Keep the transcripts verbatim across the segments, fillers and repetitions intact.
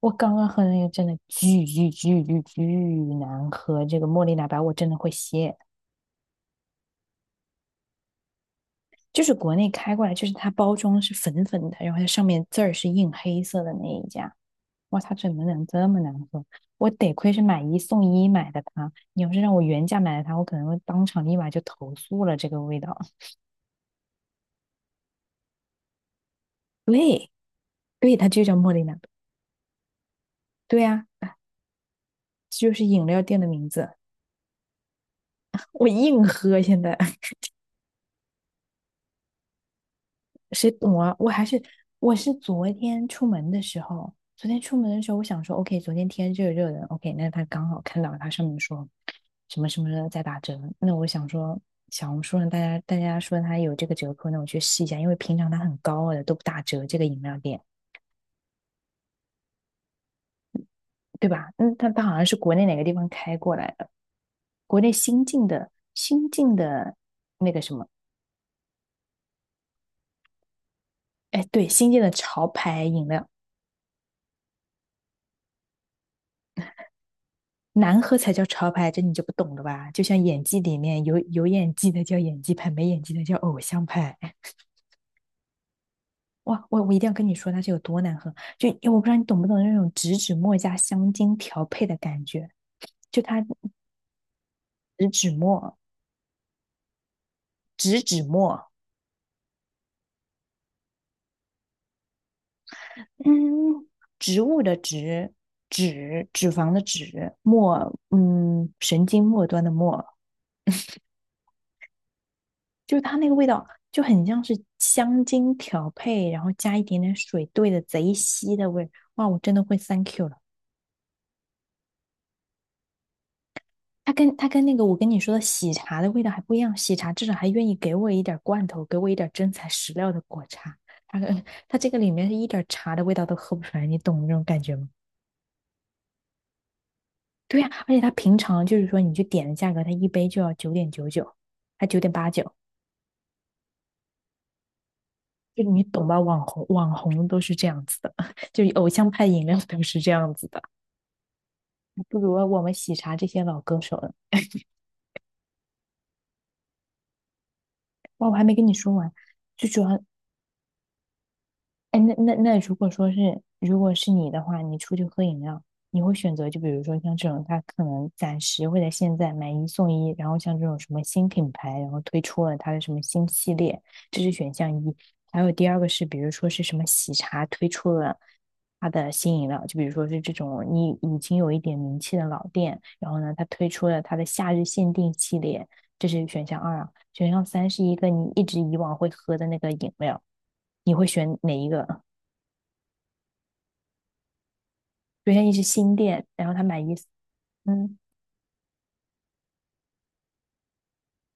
我刚刚喝的那个真的巨巨巨巨巨难喝，这个茉莉奶白我真的会谢。就是国内开过来，就是它包装是粉粉的，然后它上面字儿是印黑色的那一家。哇，它怎么能这么难喝？我得亏是买一送一买的它，你要是让我原价买的它，我可能会当场立马就投诉了这个味道。对，对，它就叫茉莉奶白。对呀、啊，就是饮料店的名字。我硬喝现在。谁懂啊？我还是我是昨天出门的时候，昨天出门的时候，我想说，OK，昨天天热热的，OK，那他刚好看到他上面说什么什么的在打折，那我想说，小红书上大家大家说他有这个折扣，那我去试一下，因为平常他很高傲的都不打折，这个饮料店，对吧？嗯，他他好像是国内哪个地方开过来的，国内新进的新进的那个什么，哎，对，新进的潮牌饮料，难喝才叫潮牌，这你就不懂了吧？就像演技里面有有演技的叫演技派，没演技的叫偶像派。哇，我我一定要跟你说它是有多难喝，就我不知道你懂不懂那种植脂末加香精调配的感觉，就它植脂末，植脂末，嗯，植物的植，脂脂肪的脂，末，嗯，神经末端的末，就是它那个味道就很像是香精调配，然后加一点点水兑的贼稀的味儿，哇，我真的会 thank you 了。它跟它跟那个我跟你说的喜茶的味道还不一样，喜茶至少还愿意给我一点罐头，给我一点真材实料的果茶。它它这个里面是一点茶的味道都喝不出来，你懂那种感觉吗？对呀、啊而且它平常就是说你去点的价格，它一杯就要九点九九，还九点八九，就你懂吧？网红网红都是这样子的，就偶像派饮料都是这样子的。不如我们喜茶这些老歌手了。哇，我还没跟你说完，最主要哎，那那那，如果说是如果是你的话，你出去喝饮料，你会选择就比如说像这种，它可能暂时会在现在买一送一，然后像这种什么新品牌，然后推出了它的什么新系列，这是选项一。还有第二个是，比如说是什么喜茶推出了它的新饮料，就比如说是这种你已经有一点名气的老店，然后呢，它推出了它的夏日限定系列，这是选项二啊。选项三是一个你一直以往会喝的那个饮料，你会选哪一个？刘天一是新店，然后他买一，嗯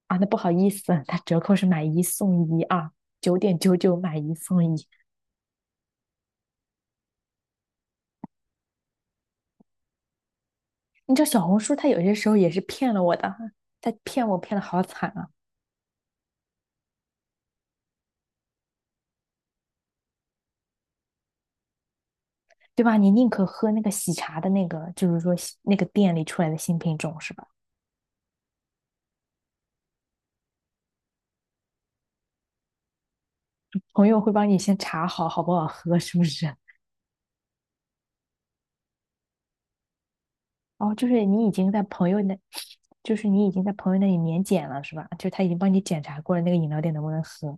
啊，那不好意思，他折扣是买一送一啊，九点九九买一送一。你知道小红书他有些时候也是骗了我的，他骗我骗的好惨啊，对吧？你宁可喝那个喜茶的那个，就是说那个店里出来的新品种是吧？朋友会帮你先查好好不好喝，是不是？哦，就是你已经在朋友那，就是你已经在朋友那里免检了是吧？就他已经帮你检查过了那个饮料店能不能喝，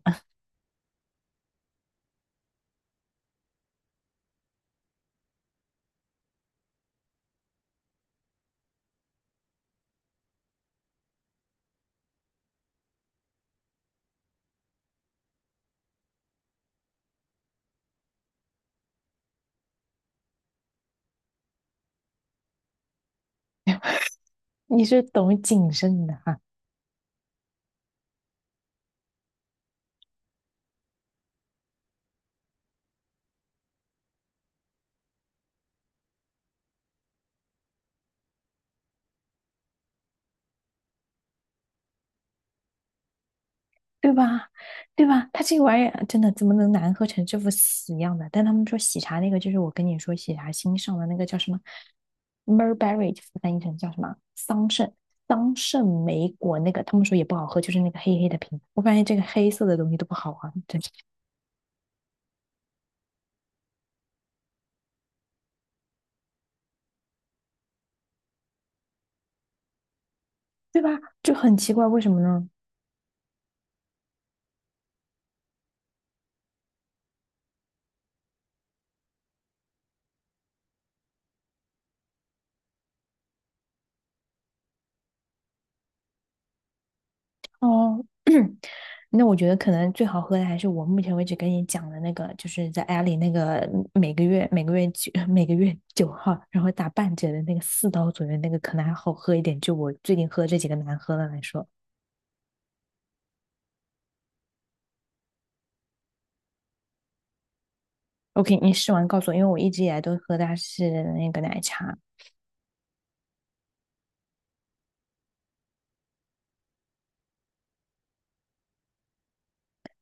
你是懂谨慎的哈啊。对吧？对吧？它这个玩意儿真的怎么能难喝成这副死样的？但他们说喜茶那个，就是我跟你说喜茶新上的那个叫什么 m e r b e r r y 翻译成叫什么桑葚桑葚莓果那个，他们说也不好喝，就是那个黑黑的瓶。我发现这个黑色的东西都不好喝，真是对吧？就很奇怪，为什么呢？哦，那我觉得可能最好喝的还是我目前为止跟你讲的那个，就是在阿里那个每个月每个月九 每个月九号，然后打半折的那个四刀左右那个，可能还好喝一点。就我最近喝这几个难喝的来说，OK，你试完告诉我，因为我一直以来都喝的是那个奶茶，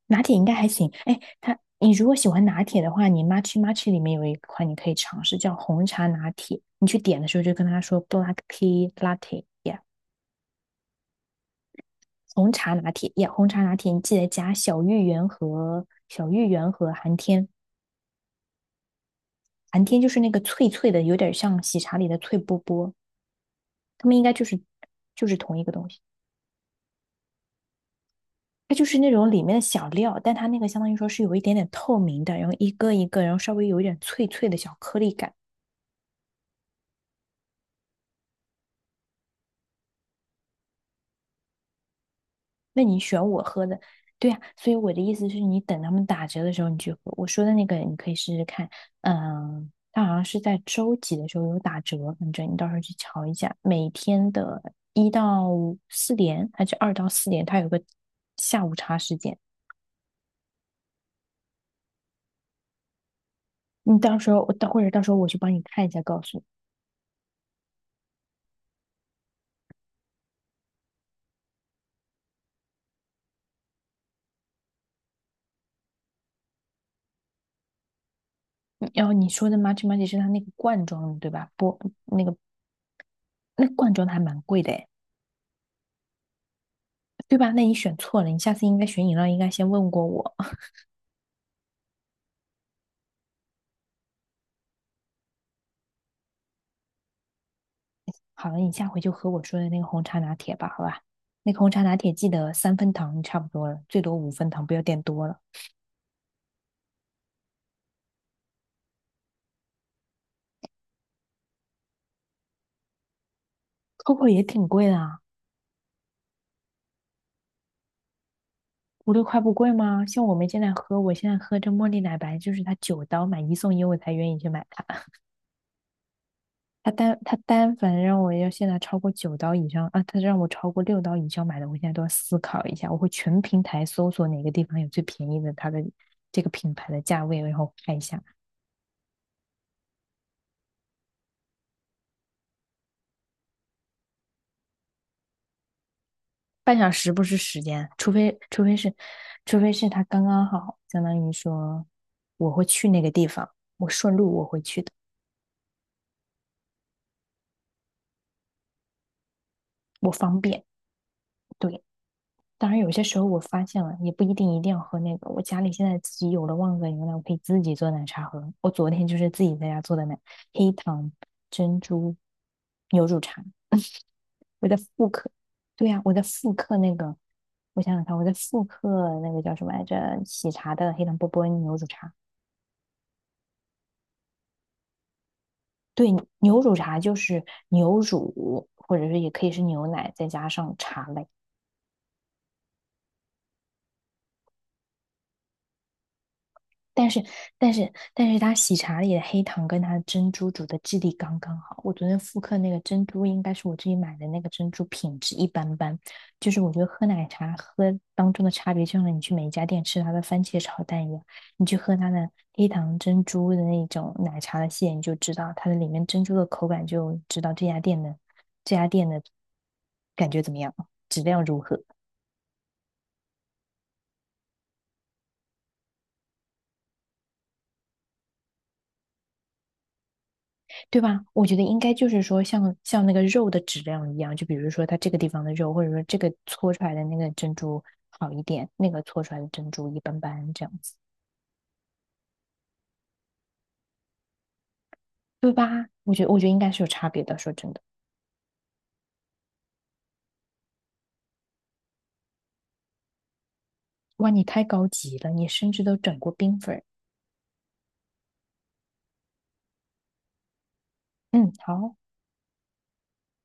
拿铁应该还行。哎，它你如果喜欢拿铁的话，你 Matcha Matcha 里面有一款你可以尝试叫红茶拿铁，你去点的时候就跟他说 Black Tea Latte。a 红茶拿铁呀，红茶拿铁，你记得加小芋圆和小芋圆和寒天，寒天就是那个脆脆的，有点像喜茶里的脆波波，它们应该就是就是同一个东西。它就是那种里面的小料，但它那个相当于说是有一点点透明的，然后一个一个，然后稍微有一点脆脆的小颗粒感。那你选我喝的，对呀、啊所以我的意思是你等他们打折的时候你去喝。我说的那个你可以试试看，嗯，它好像是在周几的时候有打折，反正你到时候去瞧一下。每天的一到四点还是二到四点，它有个下午茶时间。你到时候我到或者到时候我去帮你看一下，告诉你。然后你说的 m u c h m u c h 是它那个罐装的对吧？不，那个那罐装的还蛮贵的诶，对吧？那你选错了，你下次应该选饮料应该先问过我。好了，你下回就喝我说的那个红茶拿铁吧，好吧？那个红茶拿铁记得三分糖差不多了，最多五分糖，不要点多了。Coco 也挺贵的啊，五六块不贵吗？像我们现在喝，我现在喝这茉莉奶白，就是它九刀买一送一，我才愿意去买它。它单它单反让我要现在超过九刀以上啊，它让我超过六刀以上买的，我现在都要思考一下，我会全平台搜索哪个地方有最便宜的它的这个品牌的价位，然后看一下。半小时不是时间，除非除非是，除非是他刚刚好，相当于说我会去那个地方，我顺路我会去的，我方便。对，当然有些时候我发现了，也不一定一定要喝那个。我家里现在自己有了旺仔牛奶，我可以自己做奶茶喝。我昨天就是自己在家做的奶，黑糖珍珠牛乳茶。我在复刻，对呀、我在复刻那个，我想想看，我在复刻那个叫什么来着？喜茶的黑糖波波牛乳茶。对，牛乳茶就是牛乳，或者是也可以是牛奶，再加上茶类。但是，但是，但是它喜茶里的黑糖跟它的珍珠煮的质地刚刚好。我昨天复刻那个珍珠，应该是我自己买的那个珍珠，品质一般般。就是我觉得喝奶茶喝当中的差别，就像你去每一家店吃它的番茄炒蛋一样，你去喝它的黑糖珍珠的那种奶茶的馅，你就知道它的里面珍珠的口感，就知道这家店的这家店的感觉怎么样，质量如何。对吧？我觉得应该就是说像像那个肉的质量一样，就比如说它这个地方的肉，或者说这个搓出来的那个珍珠好一点，那个搓出来的珍珠一般般，这样子，对吧？我觉得我觉得应该是有差别的。说真的，哇，你太高级了，你甚至都整过冰粉儿嗯，好。